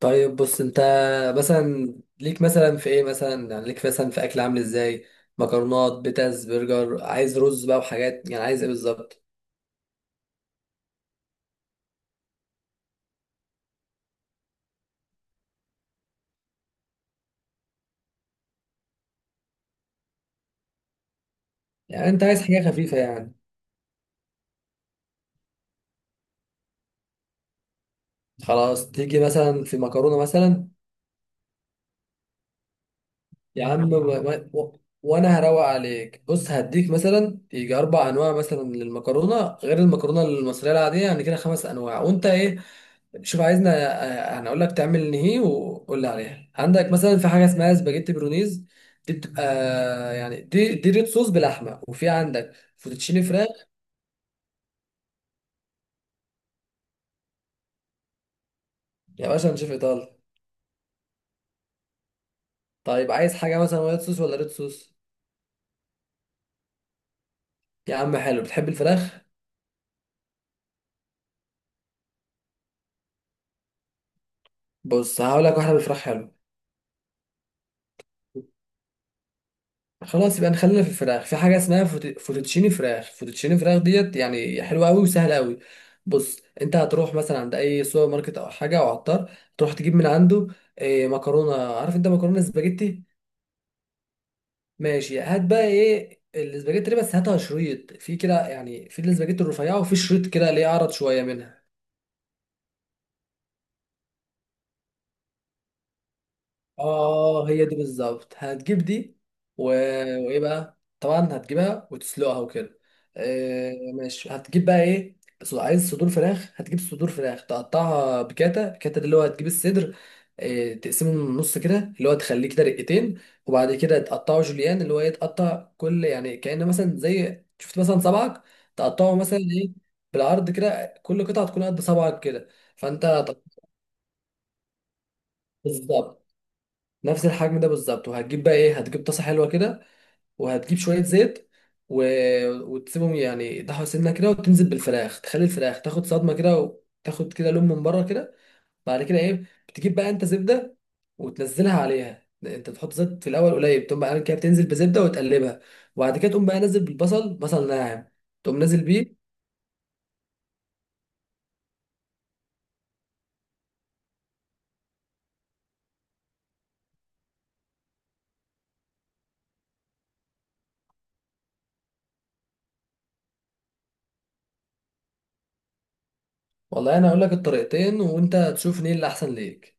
طيب، بص انت. مثلا ليك مثلا في اكل، عامل ازاي؟ مكرونات، بيتز، برجر، عايز رز بقى وحاجات، يعني عايز ايه بالظبط؟ يعني انت عايز حاجه خفيفه يعني؟ خلاص، تيجي مثلا في مكرونه مثلا؟ يا عم، وانا هروق عليك. بص، هديك مثلا يجي اربع انواع مثلا للمكرونه، غير المكرونه المصريه العاديه، يعني كده خمس انواع. وانت ايه؟ شوف عايزنا. هنقول لك تعمل ايه، وقول لي عليها. عندك مثلا في حاجه اسمها سباجيتي برونيز، دي بتبقى، يعني دي ريد صوص بلحمه، وفي عندك فوتوتشيني فراخ. يا باشا، نشوف ايطالي. طيب، عايز حاجه مثلا وايت صوص ولا ريد صوص؟ يا عم حلو، بتحب الفراخ؟ بص، هقول لك واحده بالفراخ. حلو. خلاص يبقى نخلينا في الفراخ، في حاجه اسمها فوتوتشيني فراخ ديت، يعني حلوه قوي وسهله قوي. بص، انت هتروح مثلا عند اي سوبر ماركت او حاجه او عطار، تروح تجيب من عنده. إيه، مكرونه. عارف انت مكرونه سباجيتي؟ ماشي، هات بقى ايه السباجيتي دي، بس هاتها شريط في كده، يعني في السباجيتي الرفيعه، وفي شريط كده ليه عرض شويه منها. اه، هي دي بالظبط. هتجيب دي. و... وايه بقى، طبعا هتجيبها وتسلقها وكده. آه ماشي، هتجيب بقى ايه. عايز صدور فراخ، هتجيب صدور فراخ تقطعها بكاتا بكاتا. ده اللي هو هتجيب الصدر. آه، تقسمه من النص كده، اللي هو تخليه كده رقتين. وبعد كده تقطعه جوليان، اللي هو ايه، تقطع كل يعني كأنه مثلا زي، شفت مثلا صبعك، تقطعه مثلا ايه، بالعرض كده، كل قطعة تكون قد صبعك كده. فانت تقطعه. بالظبط نفس الحجم ده بالظبط. وهتجيب بقى ايه، هتجيب طاسه حلوه كده، وهتجيب شويه زيت، و... وتسيبهم يعني يضحوا سنه كده، وتنزل بالفراخ، تخلي الفراخ تاخد صدمه كده، وتاخد كده لون من بره كده. بعد كده ايه، بتجيب بقى انت زبده وتنزلها عليها. انت تحط زيت في الاول قليل، تقوم بقى عامل كده، بتنزل بزبده وتقلبها. وبعد كده تقوم بقى نازل بالبصل، بصل ناعم، تقوم نازل بيه. والله انا هقول لك الطريقتين، وانت تشوف ايه اللي احسن ليك.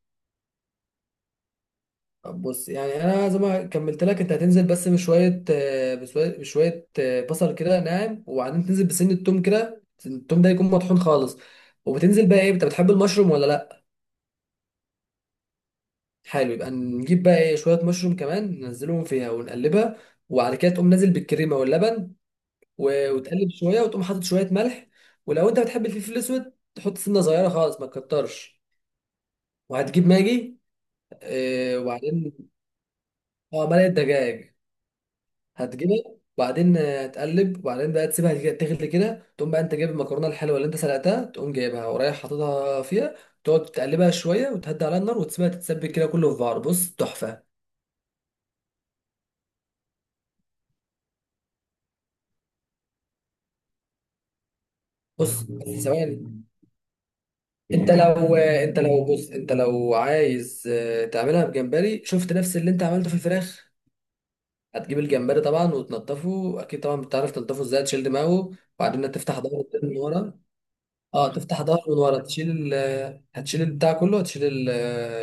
طب بص، يعني انا زي ما كملت لك، انت هتنزل بس بشويه بشوية، بصل كده ناعم. وبعدين تنزل بسن التوم كده، التوم ده يكون مطحون خالص. وبتنزل بقى ايه، انت بتحب المشروم ولا لا؟ حلو، يبقى نجيب بقى ايه شويه مشروم كمان، ننزلهم فيها ونقلبها. وبعد كده تقوم نازل بالكريمه واللبن، وتقلب شويه، وتقوم حاطط شويه ملح. ولو انت بتحب الفلفل الاسود، تحط سنه صغيره خالص، ما تكترش. وهتجيب ماجي، وبعدين. اه، مرقه دجاج. هتجيبها، وبعدين هتقلب. وبعدين بقى تسيبها تغلي كده. تقوم بقى انت جايب المكرونه الحلوه اللي انت سلقتها، تقوم جايبها ورايح حاططها فيها، تقعد تقلبها شويه، وتهدي على النار، وتسيبها تتسبك كده كله في بعض. بص، تحفه. بص بس ثواني، انت لو عايز تعملها بجمبري، شفت نفس اللي انت عملته في الفراخ. هتجيب الجمبري طبعا وتنضفه اكيد. طبعا بتعرف تنضفه ازاي، تشيل دماغه وبعدين تفتح ظهره من ورا. اه، تفتح ظهره من ورا، تشيل ال هتشيل البتاع كله، هتشيل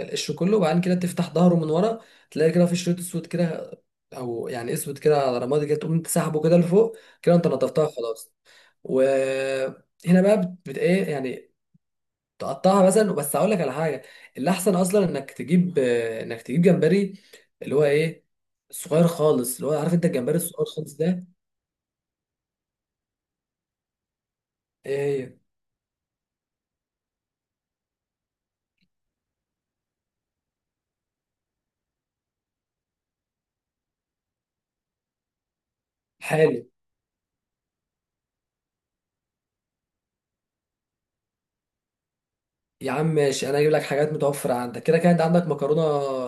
القشر كله. وبعدين كده تفتح ظهره من ورا، تلاقي كده في شريط اسود كده، او يعني اسود كده على رمادي كده، تقوم تسحبه كده لفوق كده. انت نضفتها خلاص. وهنا بقى ايه يعني، تقطعها مثلا. بس هقول لك على حاجه، اللي احسن اصلا انك تجيب جمبري، اللي هو ايه، صغير خالص، اللي هو عارف انت الجمبري الصغير خالص ده. ايه هي؟ حالي. يا عم ماشي، انا هجيب لك حاجات متوفره عندك كده كده. انت عندك مكرونه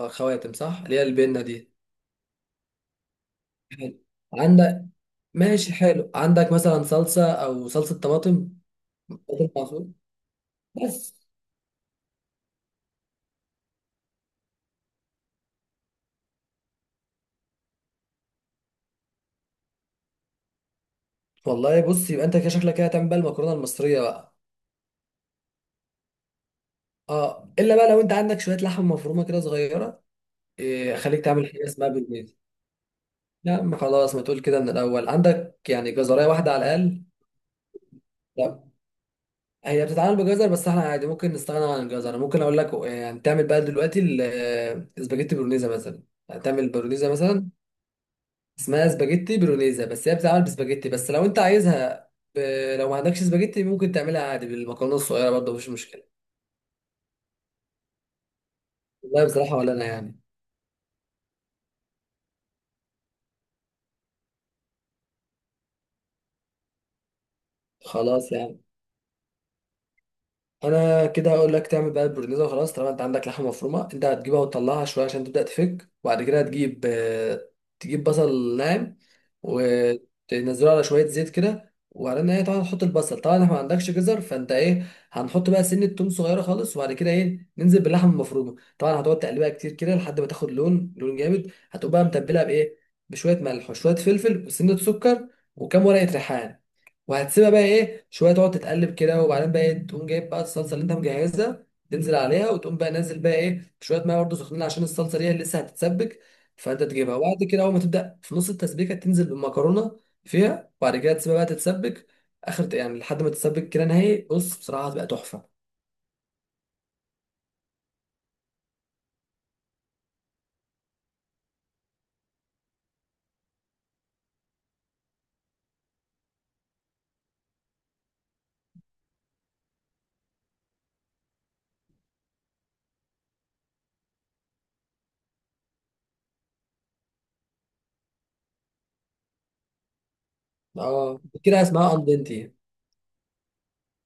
خواتم، صح؟ اللي هي البنه دي. حلو. عندك؟ ماشي حلو. عندك مثلا صلصه او صلصه طماطم؟ طماطم معصوب بس. والله بص، يبقى انت كده شكلك كده هتعمل بقى المكرونه المصريه بقى. اه، الا بقى لو انت عندك شويه لحمه مفرومه كده صغيره، إيه، خليك تعمل حاجه اسمها بالبيت. لا ما خلاص، ما تقول كده من الاول. عندك يعني جزرية واحده على الاقل؟ لا. هي بتتعمل بجزر، بس احنا عادي ممكن نستغنى عن الجزر. ممكن اقول لك يعني تعمل بقى دلوقتي الاسباجيتي برونيزا مثلا. هتعمل برونيزا مثلا. اسمها اسباجيتي برونيزا، بس هي بتتعمل بسباجيتي. بس لو انت عايزها ب... لو ما عندكش اسباجيتي، ممكن تعملها عادي بالمكرونه الصغيره برضه، مفيش مشكله. والله بصراحه ولا انا يعني. خلاص يا، انا كده هقول لك تعمل بقى البرنيزه وخلاص. طالما انت عندك لحمه مفرومه، انت هتجيبها وتطلعها شويه عشان تبدا تفك. وبعد كده هتجيب تجيب بصل ناعم، وتنزله على شويه زيت كده. وبعدين ايه، طبعا تحط البصل. طبعا احنا ما عندكش جزر، فانت ايه، هنحط بقى سنه توم صغيره خالص. وبعد كده ايه، ننزل باللحمه المفرومه. طبعا هتقعد تقلبها كتير كده لحد ما تاخد لون لون جامد. هتقوم بقى متبلها بايه، بشويه ملح وشويه فلفل وسنه سكر وكام ورقه ريحان. وهتسيبها بقى ايه شويه تقعد تتقلب كده. وبعدين بقى إيه، تقوم جايب بقى الصلصه اللي انت مجهزها، تنزل عليها. وتقوم بقى نازل بقى ايه، بشويه ميه برضه سخنين، عشان الصلصه دي لسه هتتسبك. فانت تجيبها، وبعد كده اول ما تبدا في نص التسبيكه، تنزل بالمكرونه فيها. وبعد كده تسيبها بقى تتسبك اخر، يعني لحد ما تتسبك كده نهائي. بص بصراحه هتبقى تحفه. اه، كده اسمها اندنتي.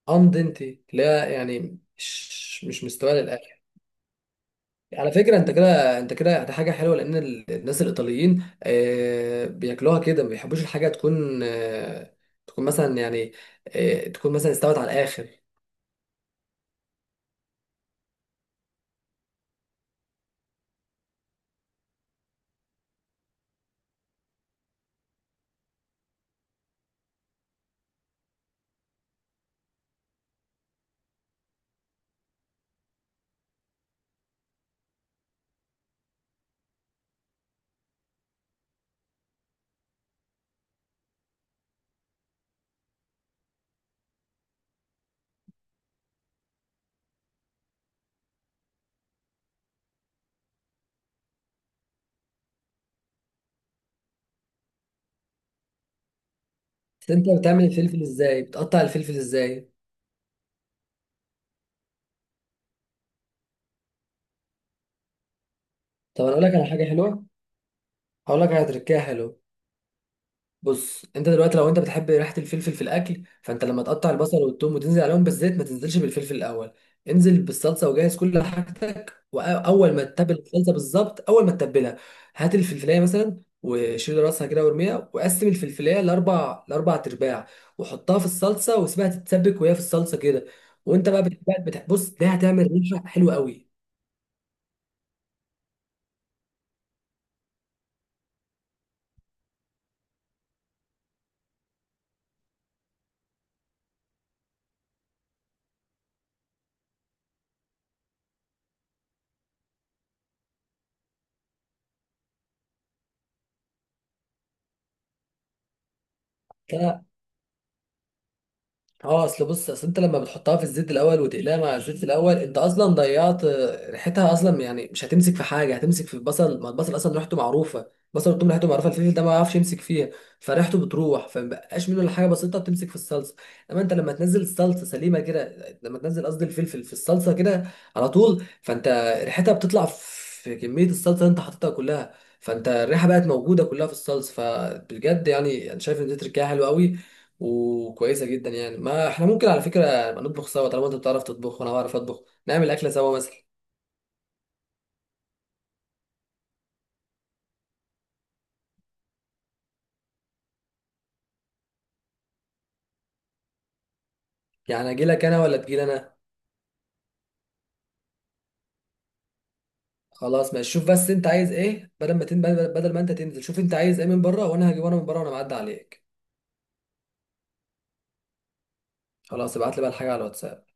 اندنتي اللي هي يعني مش مستويه للاخر. على فكرة، انت كده، انت كده ده حاجة حلوة، لان الناس الايطاليين بياكلوها كده. ما بيحبوش الحاجة تكون تكون مثلا يعني، تكون مثلا استوت على الاخر. بس انت بتعمل الفلفل ازاي؟ بتقطع الفلفل ازاي؟ طب انا اقول لك على حاجة حلوة، هقول لك على تركية حلوة. بص، انت دلوقتي لو انت بتحب ريحه الفلفل في الاكل، فانت لما تقطع البصل والثوم وتنزل عليهم بالزيت، ما تنزلش بالفلفل الاول. انزل بالصلصه وجهز كل حاجتك. واول ما تتبل الصلصه بالظبط، اول ما تتبلها، هات الفلفلايه مثلا وشيل راسها كده وارميها، وقسم الفلفلايه لاربع ارباع، وحطها في الصلصه، وسيبها تتسبك وهي في الصلصه كده. وانت بقى بتحب، بص، ده هتعمل ريحه حلوه قوي. اه، اصل بص، اصل انت لما بتحطها في الزيت الاول وتقليها مع الزيت الاول، انت اصلا ضيعت ريحتها اصلا، يعني مش هتمسك في حاجه، هتمسك في البصل، ما البصل اصلا ريحته معروفه. البصل والثوم ريحته معروفه، الفلفل ده ما يعرفش يمسك فيها. فريحته بتروح، فمبقاش منه الا حاجه بسيطه بتمسك في الصلصه. انما انت لما تنزل الصلصه سليمه كده، لما تنزل قصدي الفلفل في الصلصه كده على طول، فانت ريحتها بتطلع في كميه الصلصه اللي انت حاططها كلها. فانت الريحه بقت موجوده كلها في الصلصه، فبجد يعني انا شايف ان دي تركيبه حلوه قوي وكويسه جدا. يعني ما احنا ممكن على فكره نبقى نطبخ سوا، طالما انت بتعرف تطبخ وانا بعرف اطبخ، نعمل اكله سوا مثلا. يعني اجي لك انا ولا تجي لي انا؟ خلاص ماشي، شوف بس انت عايز ايه بدل ما بدل ما انت تنزل، شوف انت عايز ايه من بره، وانا هجيب انا من بره وانا معدي عليك. خلاص ابعت لي بقى الحاجه على الواتساب.